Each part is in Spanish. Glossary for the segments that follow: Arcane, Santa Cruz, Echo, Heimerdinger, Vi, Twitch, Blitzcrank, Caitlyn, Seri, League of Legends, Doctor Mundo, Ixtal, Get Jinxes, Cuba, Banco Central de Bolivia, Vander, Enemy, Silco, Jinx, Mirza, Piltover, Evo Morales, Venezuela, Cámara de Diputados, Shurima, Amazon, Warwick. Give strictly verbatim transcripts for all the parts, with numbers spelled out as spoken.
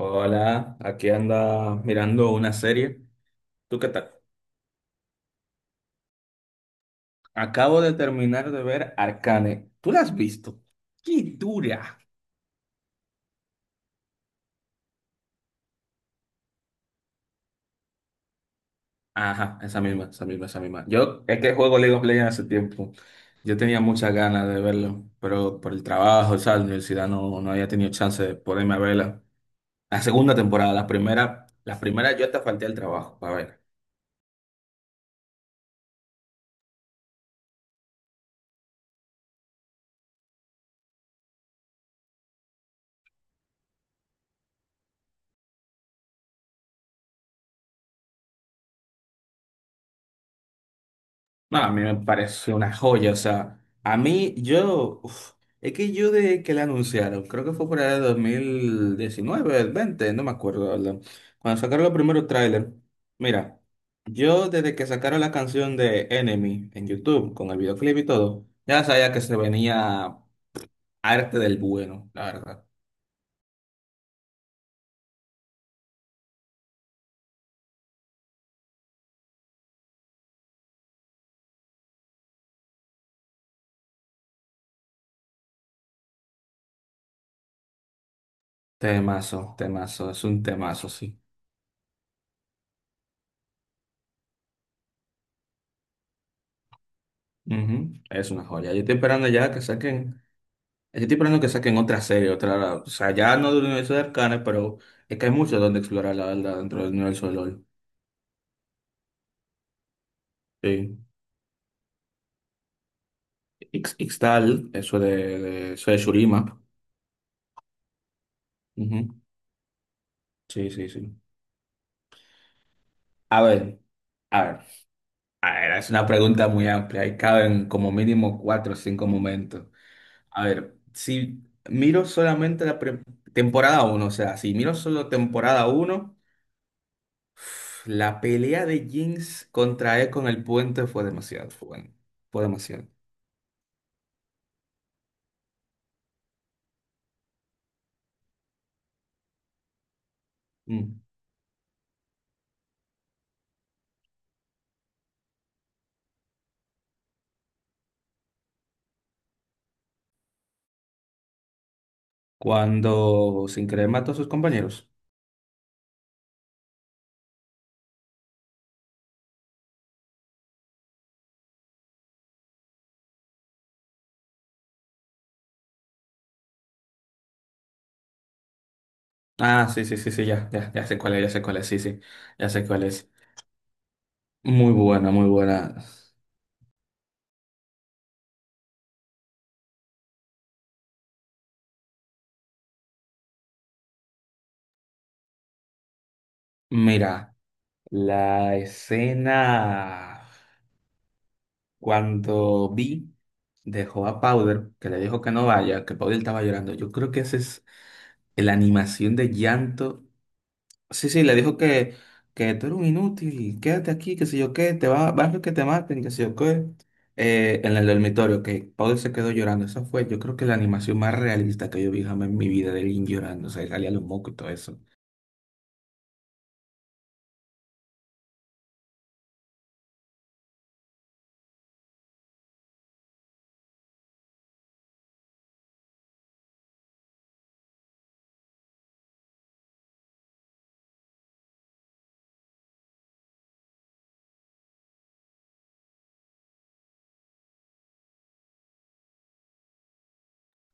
Hola, aquí anda mirando una serie. ¿Tú qué tal? Acabo de terminar de ver Arcane. ¿Tú la has visto? ¡Qué dura! Ajá, esa misma, esa misma, esa misma. Yo es que juego League of Legends hace tiempo. Yo tenía muchas ganas de verlo, pero por el trabajo, o sea, la universidad no, no había tenido chance de ponerme a verla. La segunda temporada, la primera, la primera yo hasta falté al trabajo. No, a mí me parece una joya, o sea, a mí yo, uf, es que yo de que la anunciaron, creo que fue por el dos mil diecinueve, el veinte, no me acuerdo, la verdad. Cuando sacaron los primeros trailers, mira, yo desde que sacaron la canción de Enemy en YouTube, con el videoclip y todo, ya sabía que se venía arte del bueno, la verdad. Temazo, temazo, es un temazo, sí. Ujú, es una joya. Yo estoy esperando ya que saquen. Estoy esperando que saquen otra serie, otra, o sea, ya no del universo de Arcane, pero es que hay mucho donde explorar, la verdad, dentro del universo de LoL. Sí. Ix- Ixtal, eso de, de- eso de Shurima. Ujú. Sí, sí, sí. A ver, a ver, a ver, es una pregunta muy amplia y caben como mínimo cuatro o cinco momentos. A ver, si miro solamente la pre- temporada uno, o sea, si miro solo temporada uno, la pelea de Jinx contra E con el puente fue demasiado, fue bueno, fue demasiado. Mm. Cuando sin querer mató a sus compañeros. Ah, sí, sí, sí, sí, ya, ya, ya sé cuál es, ya sé cuál es, sí, sí, ya sé cuál es. Muy buena, muy buena. Mira, la escena cuando Vi dejó a Powder, que le dijo que no vaya, que Powder estaba llorando. Yo creo que esa es la animación de llanto. Sí, sí, le dijo que, que tú eres un inútil, quédate aquí, que sé yo qué, te va, vas a ver que te maten, que sé yo qué. Eh, en el dormitorio, que Paul se quedó llorando. Esa fue, yo creo que la animación más realista que yo vi jamás en mi vida de Lin llorando. O sea, le salía los mocos y todo eso.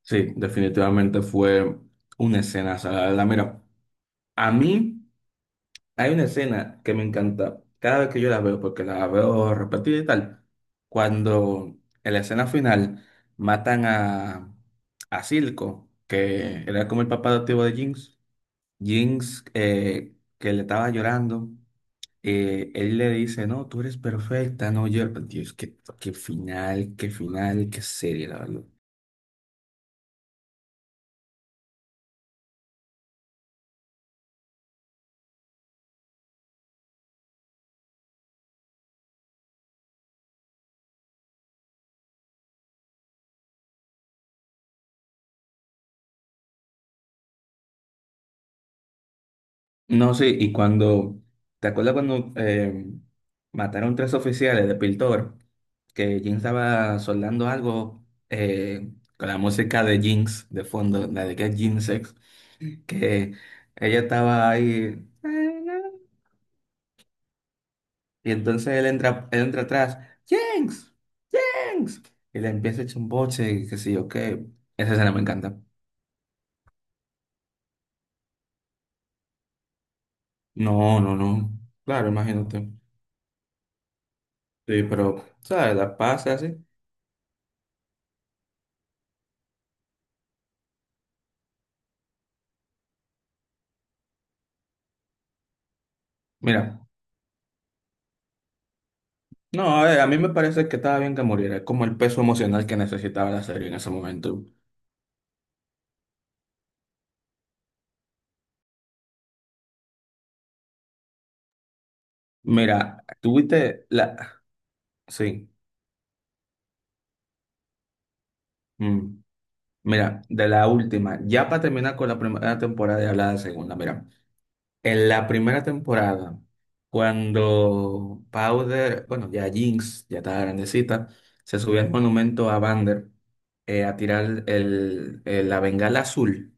Sí, definitivamente fue una escena. O sea, la verdad, mira, a mí, hay una escena que me encanta cada vez que yo la veo, porque la veo repetida y tal. Cuando en la escena final matan a, a Silco, que era como el papá adoptivo de Jinx. Jinx, eh, que le estaba llorando, eh, él le dice, no, tú eres perfecta, no llores. Dios, qué, qué final, qué final, qué serie, la verdad. No, sí, y cuando, ¿te acuerdas cuando eh, mataron tres oficiales de Piltover? Que Jinx estaba soldando algo, eh, con la música de Jinx de fondo, la de Get Jinxes, que ella estaba ahí. Y entonces él entra, él entra atrás, Jinx, Jinx, y le empieza a echar un boche y qué sé yo qué. Esa escena me encanta. No, no, no. Claro, imagínate. Sí, pero, ¿sabes? La pasa así. Mira, no, a ver, a mí me parece que estaba bien que muriera. Es como el peso emocional que necesitaba la serie en ese momento. Mira, tuviste la... Sí. Mm. Mira, de la última, ya para terminar con la primera temporada y hablar de la segunda, mira, en la primera temporada, cuando Powder, bueno, ya Jinx, ya estaba grandecita, se subió al monumento a Vander, eh, a tirar el, el- la bengala azul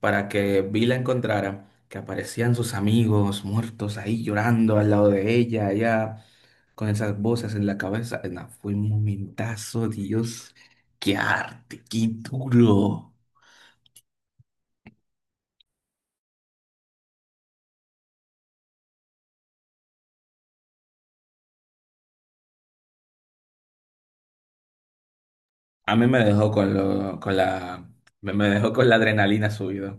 para que Vi la encontrara, que aparecían sus amigos muertos ahí llorando al lado de ella, allá, con esas voces en la cabeza. No, fue un momentazo, Dios. ¡Qué arte! ¡Qué duro! A mí me dejó con lo, con la, me me dejó con la adrenalina subida.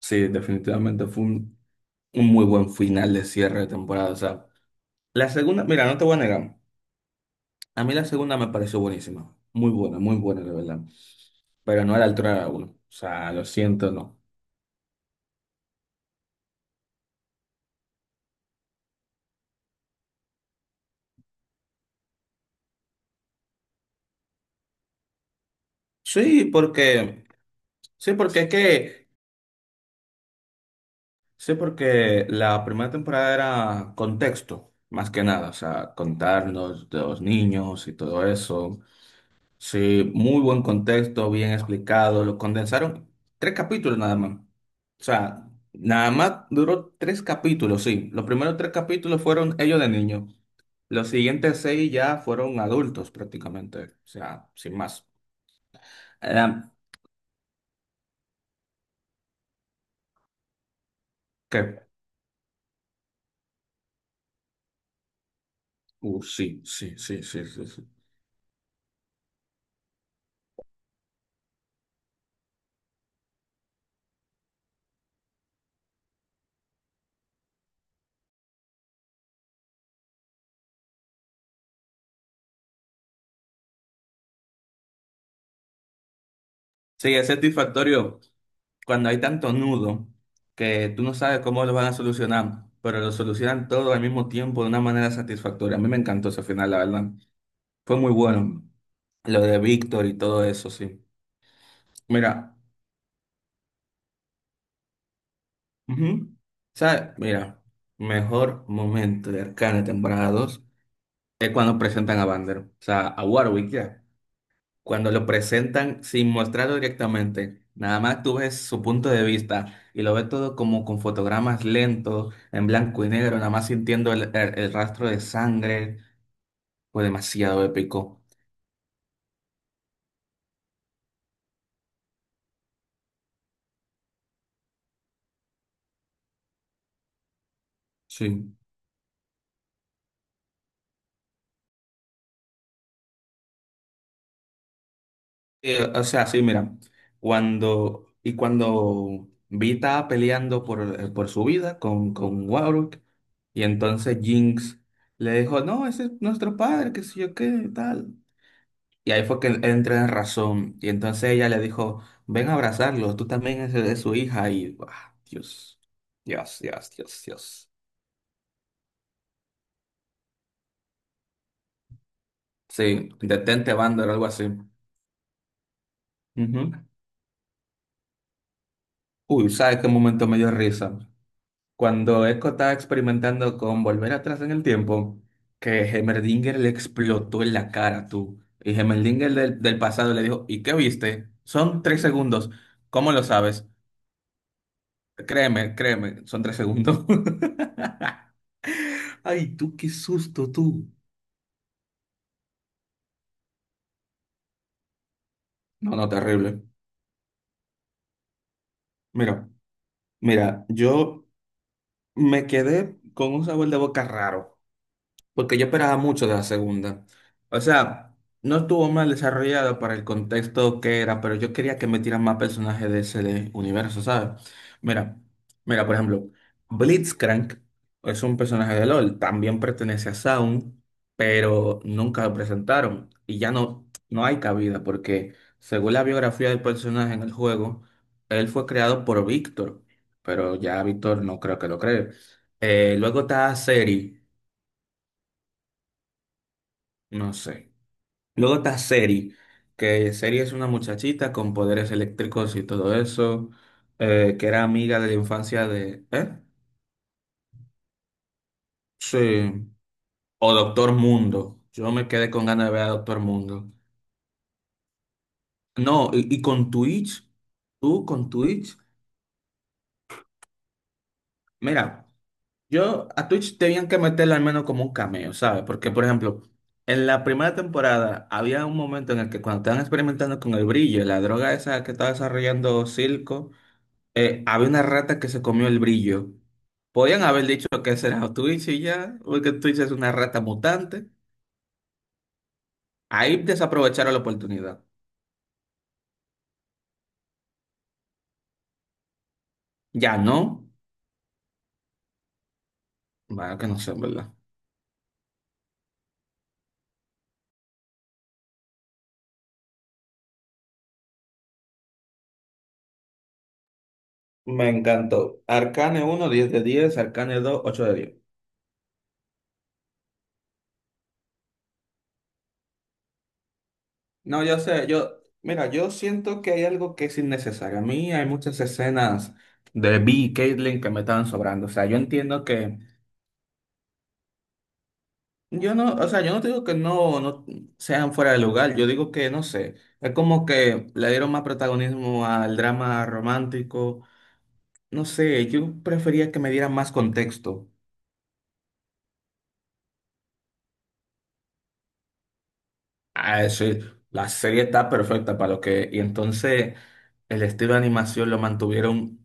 Sí, definitivamente fue un, un muy buen final de cierre de temporada. O sea, la segunda, mira, no te voy a negar. A mí la segunda me pareció buenísima. Muy buena, muy buena, de verdad. Pero no a la altura de la uno. O sea, lo siento, no. Sí, porque, sí, porque es que, sí, porque la primera temporada era contexto, más que nada, o sea, contarnos de los niños y todo eso. Sí, muy buen contexto, bien explicado. Lo condensaron tres capítulos nada más. O sea, nada más duró tres capítulos, sí. Los primeros tres capítulos fueron ellos de niños. Los siguientes seis ya fueron adultos prácticamente, o sea, sin más. Ah, ¿qué? Uh, sí, sí, sí, sí, sí, sí. Sí, es satisfactorio cuando hay tanto nudo que tú no sabes cómo lo van a solucionar, pero lo solucionan todo al mismo tiempo de una manera satisfactoria. A mí me encantó ese final, la verdad. Fue muy bueno. Lo de Víctor y todo eso, sí. Mira, ujú. ¿Sabes? Mira, mejor momento de Arcane temporada dos es cuando presentan a Vander, o sea, a Warwick ya. Cuando lo presentan sin mostrarlo directamente, nada más tú ves su punto de vista y lo ves todo como con fotogramas lentos, en blanco y negro, nada más sintiendo el, el- el rastro de sangre, fue demasiado épico. Sí. Eh, o sea, sí, mira, cuando y cuando Vi estaba peleando por, eh, por su vida con, con Warwick, y entonces Jinx le dijo, no, ese es nuestro padre, que sé yo qué, tal. Y ahí fue que él entró en razón. Y entonces ella le dijo, ven a abrazarlo, tú también eres de su hija. Y, ah, Dios, Dios, Dios, Dios, Dios. Sí, detente, Vander, algo así. Ujú. Uy, ¿sabes qué momento me dio risa? Cuando Echo estaba experimentando con volver atrás en el tiempo, que Heimerdinger le explotó en la cara, tú. Y Heimerdinger del, del pasado le dijo, ¿y qué viste? Son tres segundos. ¿Cómo lo sabes? Créeme, créeme, son tres segundos. Ay, tú, qué susto, tú. No, no, terrible. Mira, mira, yo me quedé con un sabor de boca raro, porque yo esperaba mucho de la segunda. O sea, no estuvo mal desarrollada para el contexto que era, pero yo quería que metieran más personajes de ese de- universo, ¿sabes? Mira, mira, por ejemplo, Blitzcrank es un personaje de LOL, también pertenece a Sound, pero nunca lo presentaron y ya no, no hay cabida porque según la biografía del personaje en el juego, él fue creado por Víctor, pero ya Víctor no creo que lo cree. Eh, luego está Seri, no sé. Luego está Seri, que Seri es una muchachita con poderes eléctricos y todo eso, eh, que era amiga de la infancia de... ¿Eh? Sí. O Doctor Mundo. Yo me quedé con ganas de ver a Doctor Mundo. No, y, y con Twitch, tú con Twitch, mira, yo a Twitch tenían que meterle al menos como un cameo, ¿sabes? Porque, por ejemplo, en la primera temporada había un momento en el que cuando estaban experimentando con el brillo, la droga esa que estaba desarrollando Silco, eh, había una rata que se comió el brillo. Podían haber dicho que será Twitch y ya, porque Twitch es una rata mutante. Ahí desaprovecharon la oportunidad. Ya no, bueno, que no sé, ¿en verdad? Me encantó. Arcane uno, diez de diez. Arcane dos, ocho de diez. No, yo sé, yo, mira, yo siento que hay algo que es innecesario. A mí hay muchas escenas de Vi y Caitlyn que me estaban sobrando. O sea, yo entiendo que... Yo no, o sea, yo no te digo que no, no sean fuera de lugar, yo digo que no sé, es como que le dieron más protagonismo al drama romántico, no sé, yo prefería que me dieran más contexto, a decir, la serie está perfecta para lo que, y entonces el estilo de animación lo mantuvieron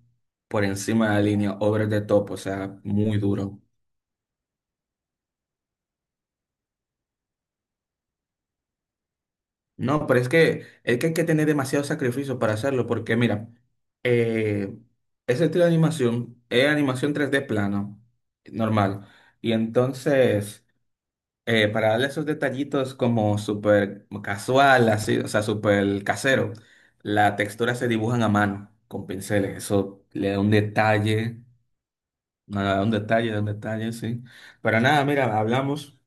por encima de la línea, over the top, o sea, muy duro. No, pero es que, es que hay que tener demasiado sacrificio para hacerlo, porque mira, eh, ese estilo de animación es animación tres d plana, normal. Y entonces, eh, para darle esos detallitos como súper casual, así, o sea, súper casero, las texturas se dibujan a mano con pinceles. Eso le da un detalle, nada, un detalle, da un detalle, sí. Pero nada, mira, hablamos.